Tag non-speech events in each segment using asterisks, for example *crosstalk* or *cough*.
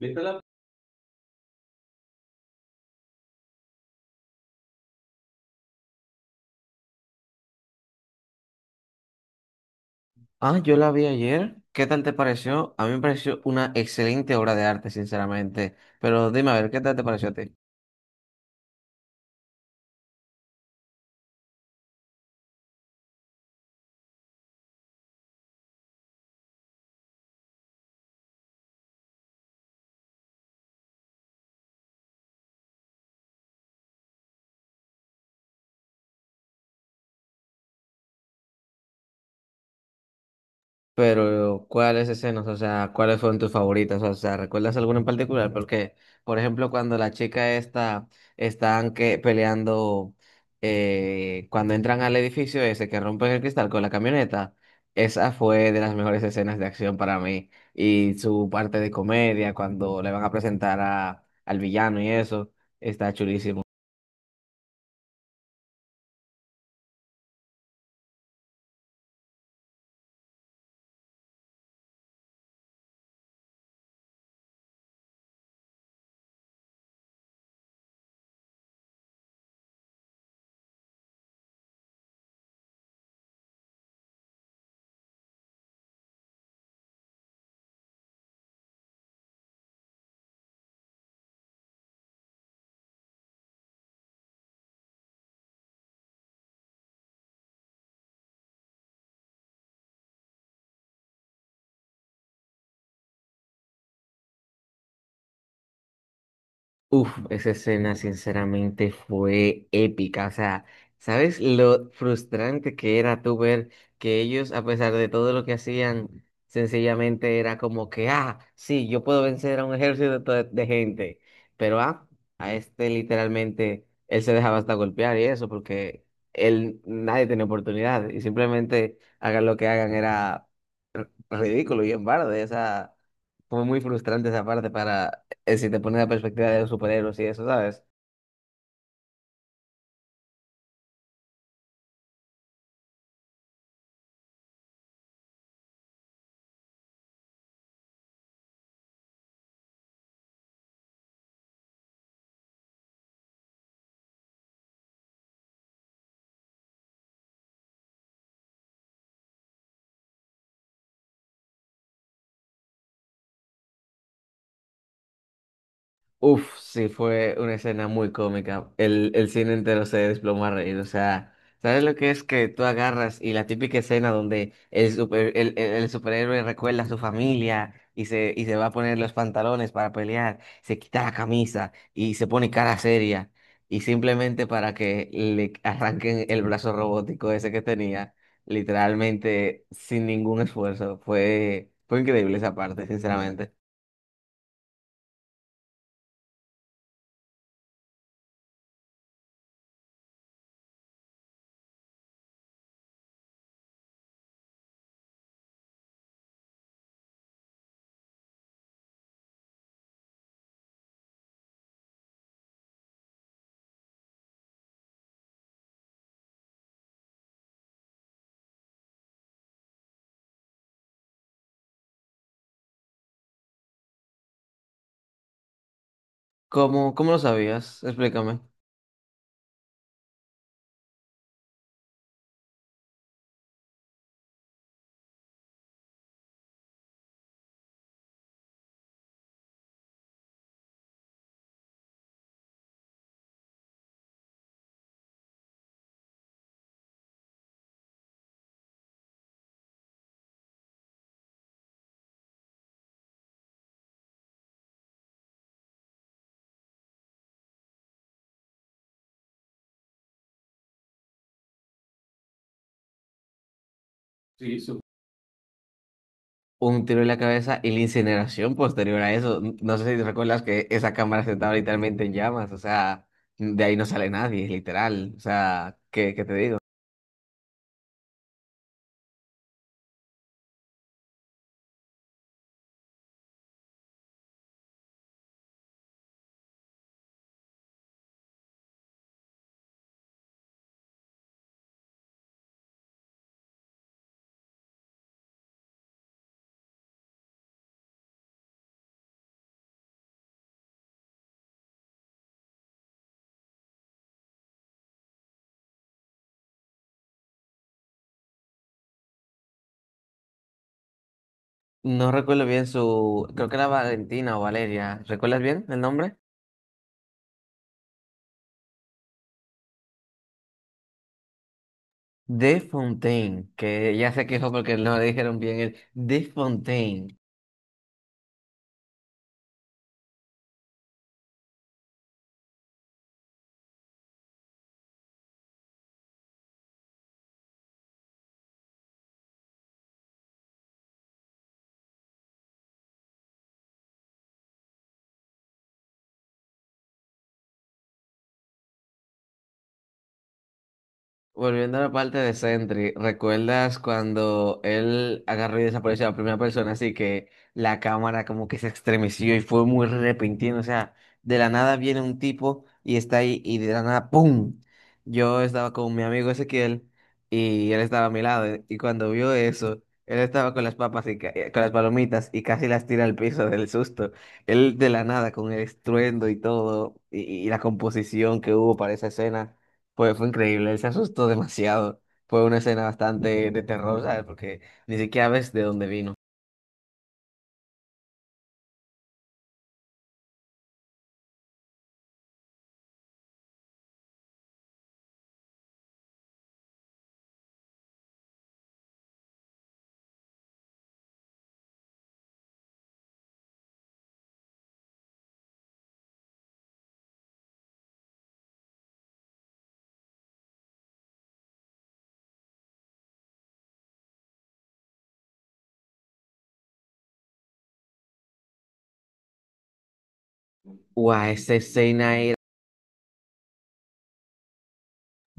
¿Viste la... Ah, yo la vi ayer. ¿Qué tal te pareció? A mí me pareció una excelente obra de arte, sinceramente. Pero dime a ver, ¿qué tal te pareció a ti? Pero, ¿cuáles escenas? O sea, ¿cuáles fueron tus favoritas? O sea, ¿recuerdas alguna en particular? Porque, por ejemplo, cuando la chica esta están que peleando, cuando entran al edificio ese que rompen el cristal con la camioneta, esa fue de las mejores escenas de acción para mí. Y su parte de comedia, cuando le van a presentar a, al villano y eso, está chulísimo. Uf, esa escena sinceramente fue épica. O sea, ¿sabes lo frustrante que era tú ver que ellos, a pesar de todo lo que hacían, sencillamente era como que, ah, sí, yo puedo vencer a un ejército de gente, pero ah, a este literalmente él se dejaba hasta golpear y eso porque él nadie tenía oportunidad y simplemente hagan lo que hagan era ridículo y en parte, o sea, fue muy frustrante esa parte para, si te pones la perspectiva de los superhéroes y eso, ¿sabes? Uf, sí, fue una escena muy cómica. El cine entero se desplomó a reír. O sea, ¿sabes lo que es que tú agarras y la típica escena donde el, super- el superhéroe recuerda a su familia y se va a poner los pantalones para pelear, se quita la camisa y se pone cara seria y simplemente para que le arranquen el brazo robótico ese que tenía, literalmente sin ningún esfuerzo? Fue increíble esa parte, sinceramente. ¿Cómo, cómo lo sabías? Explícame. Sí, su- un tiro en la cabeza y la incineración posterior a eso. No sé si recuerdas que esa cámara se estaba literalmente en llamas, o sea, de ahí no sale nadie, literal. O sea, ¿qué, qué te digo? No recuerdo bien su, creo que era Valentina o Valeria, ¿recuerdas bien el nombre? De Fontaine, que ya se quejó porque no le dijeron bien el De Fontaine. Volviendo a la parte de Sentry, ¿recuerdas cuando él agarró y desapareció a la primera persona? Así que la cámara como que se estremeció y fue muy repentino. O sea, de la nada viene un tipo y está ahí y de la nada ¡pum! Yo estaba con mi amigo Ezequiel y él estaba a mi lado. Y cuando vio eso, él estaba con las papas y ca- con las palomitas y casi las tira al piso del susto. Él de la nada con el estruendo y todo y la composición que hubo para esa escena. Fue increíble, él se asustó *laughs* demasiado. Fue una escena bastante de terror, ¿sabes? Porque ni siquiera ves de dónde vino. Guau, esa escena era.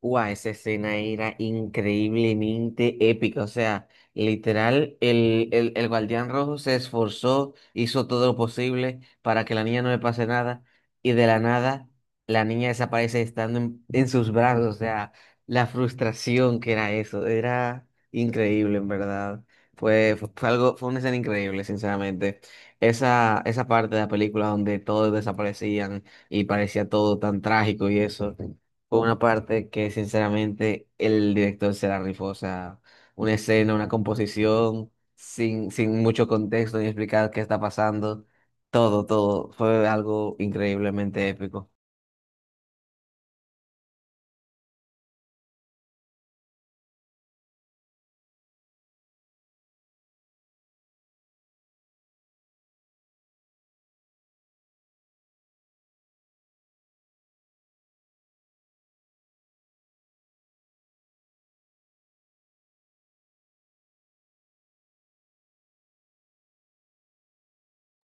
Guau, esa escena era increíblemente épica. O sea, literal, el, el guardián rojo se esforzó, hizo todo lo posible para que la niña no le pase nada. Y de la nada, la niña desaparece estando en sus brazos. O sea, la frustración que era eso. Era increíble, en verdad. Fue, fue algo, fue una escena increíble, sinceramente. Esa parte de la película donde todos desaparecían y parecía todo tan trágico y eso. Fue una parte que sinceramente el director se la rifó, o sea, una escena, una composición, sin, sin mucho contexto ni explicar qué está pasando, todo, todo, fue algo increíblemente épico.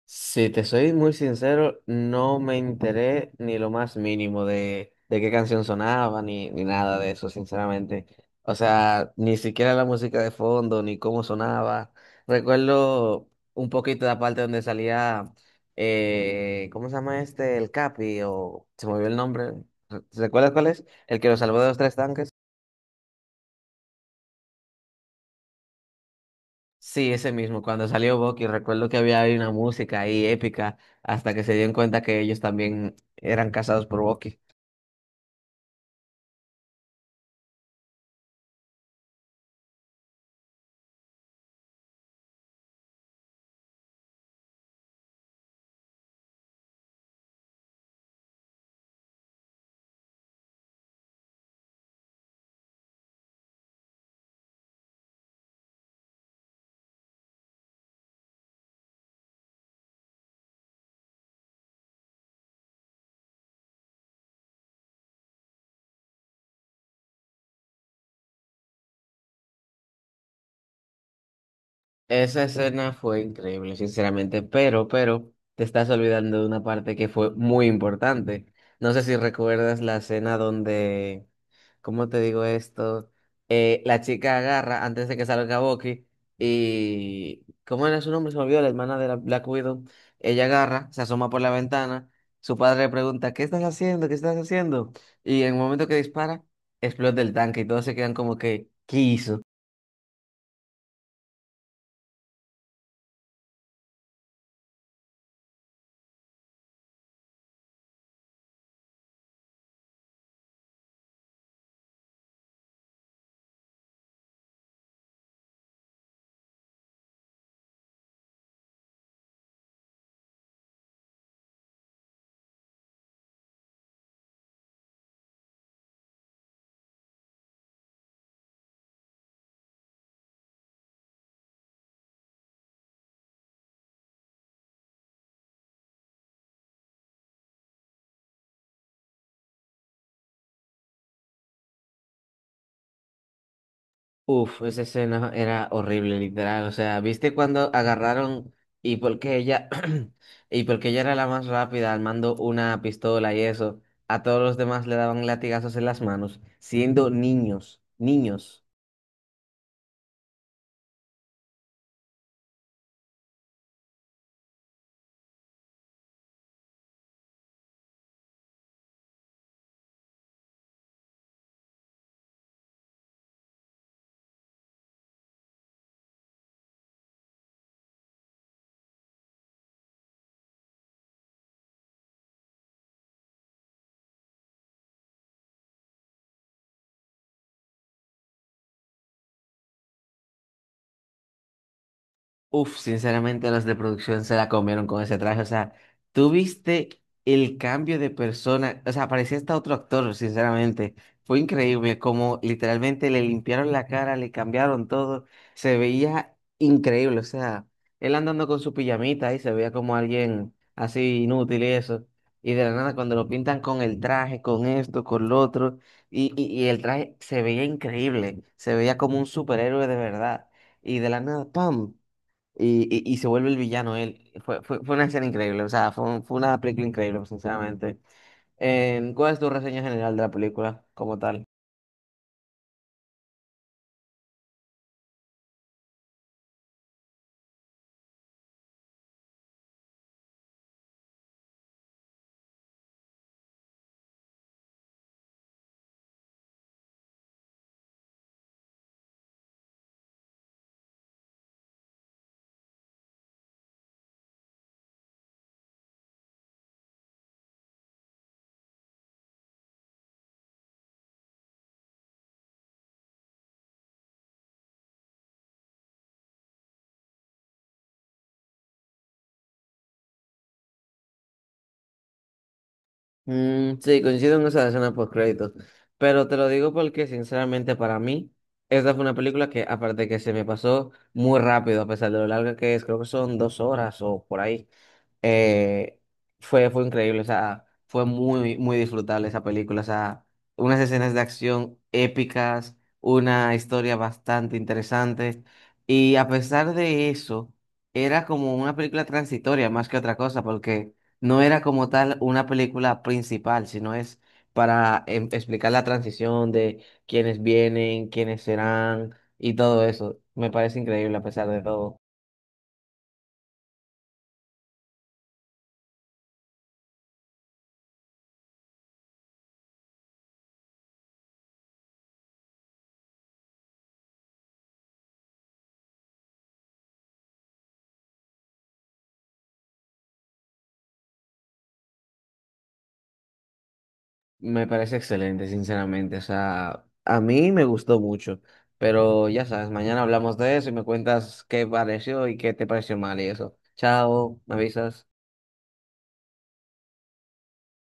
Si te soy muy sincero, no me enteré ni lo más mínimo de qué canción sonaba, ni, ni nada de eso, sinceramente. O sea, ni siquiera la música de fondo, ni cómo sonaba. Recuerdo un poquito la parte donde salía, ¿cómo se llama este? El Capi, o se me olvidó el nombre. ¿Recuerdas cuál es? El que lo salvó de los tres tanques. Sí, ese mismo, cuando salió Bucky, recuerdo que había ahí una música ahí épica, hasta que se dieron cuenta que ellos también eran casados por Bucky. Esa escena fue increíble, sinceramente, pero, te estás olvidando de una parte que fue muy importante. No sé si recuerdas la escena donde ¿cómo te digo esto? La chica agarra antes de que salga Bucky y, ¿cómo era su nombre? Se me olvidó, la hermana de la Black Widow. Ella agarra, se asoma por la ventana, su padre le pregunta, ¿qué estás haciendo? ¿Qué estás haciendo? Y en el momento que dispara, explota el tanque y todos se quedan como que, ¿qué hizo? Uf, esa escena era horrible, literal. O sea, ¿viste cuando agarraron y porque ella *clears throat* y porque ella era la más rápida armando una pistola y eso, a todos los demás le daban latigazos en las manos, siendo niños, niños. Uf, sinceramente los de producción se la comieron con ese traje. O sea, tú viste el cambio de persona. O sea, parecía hasta otro actor, sinceramente. Fue increíble como literalmente le limpiaron la cara, le cambiaron todo. Se veía increíble. O sea, él andando con su pijamita ahí se veía como alguien así inútil y eso. Y de la nada, cuando lo pintan con el traje, con esto, con lo otro, y, y el traje se veía increíble. Se veía como un superhéroe de verdad. Y de la nada, ¡pam! Y, y se vuelve el villano él. Fue, fue una escena increíble, o sea, fue, un- fue una película increíble, sinceramente. ¿Cuál es tu reseña general de la película como tal? Mm, sí, coincido en esa escena post créditos, pero te lo digo porque sinceramente para mí, esta fue una película que aparte de que se me pasó muy rápido, a pesar de lo larga que es, creo que son 2 horas o por ahí. eh, Fue, fue increíble, o sea, fue muy, muy disfrutable esa película, o sea, unas escenas de acción épicas, una historia bastante interesante, y a pesar de eso, era como una película transitoria más que otra cosa, porque no era como tal una película principal, sino es para explicar la transición de quiénes vienen, quiénes serán, y todo eso. Me parece increíble a pesar de todo. Me parece excelente, sinceramente. O sea, a mí me gustó mucho. Pero ya sabes, mañana hablamos de eso y me cuentas qué pareció y qué te pareció mal y eso. Chao, me avisas.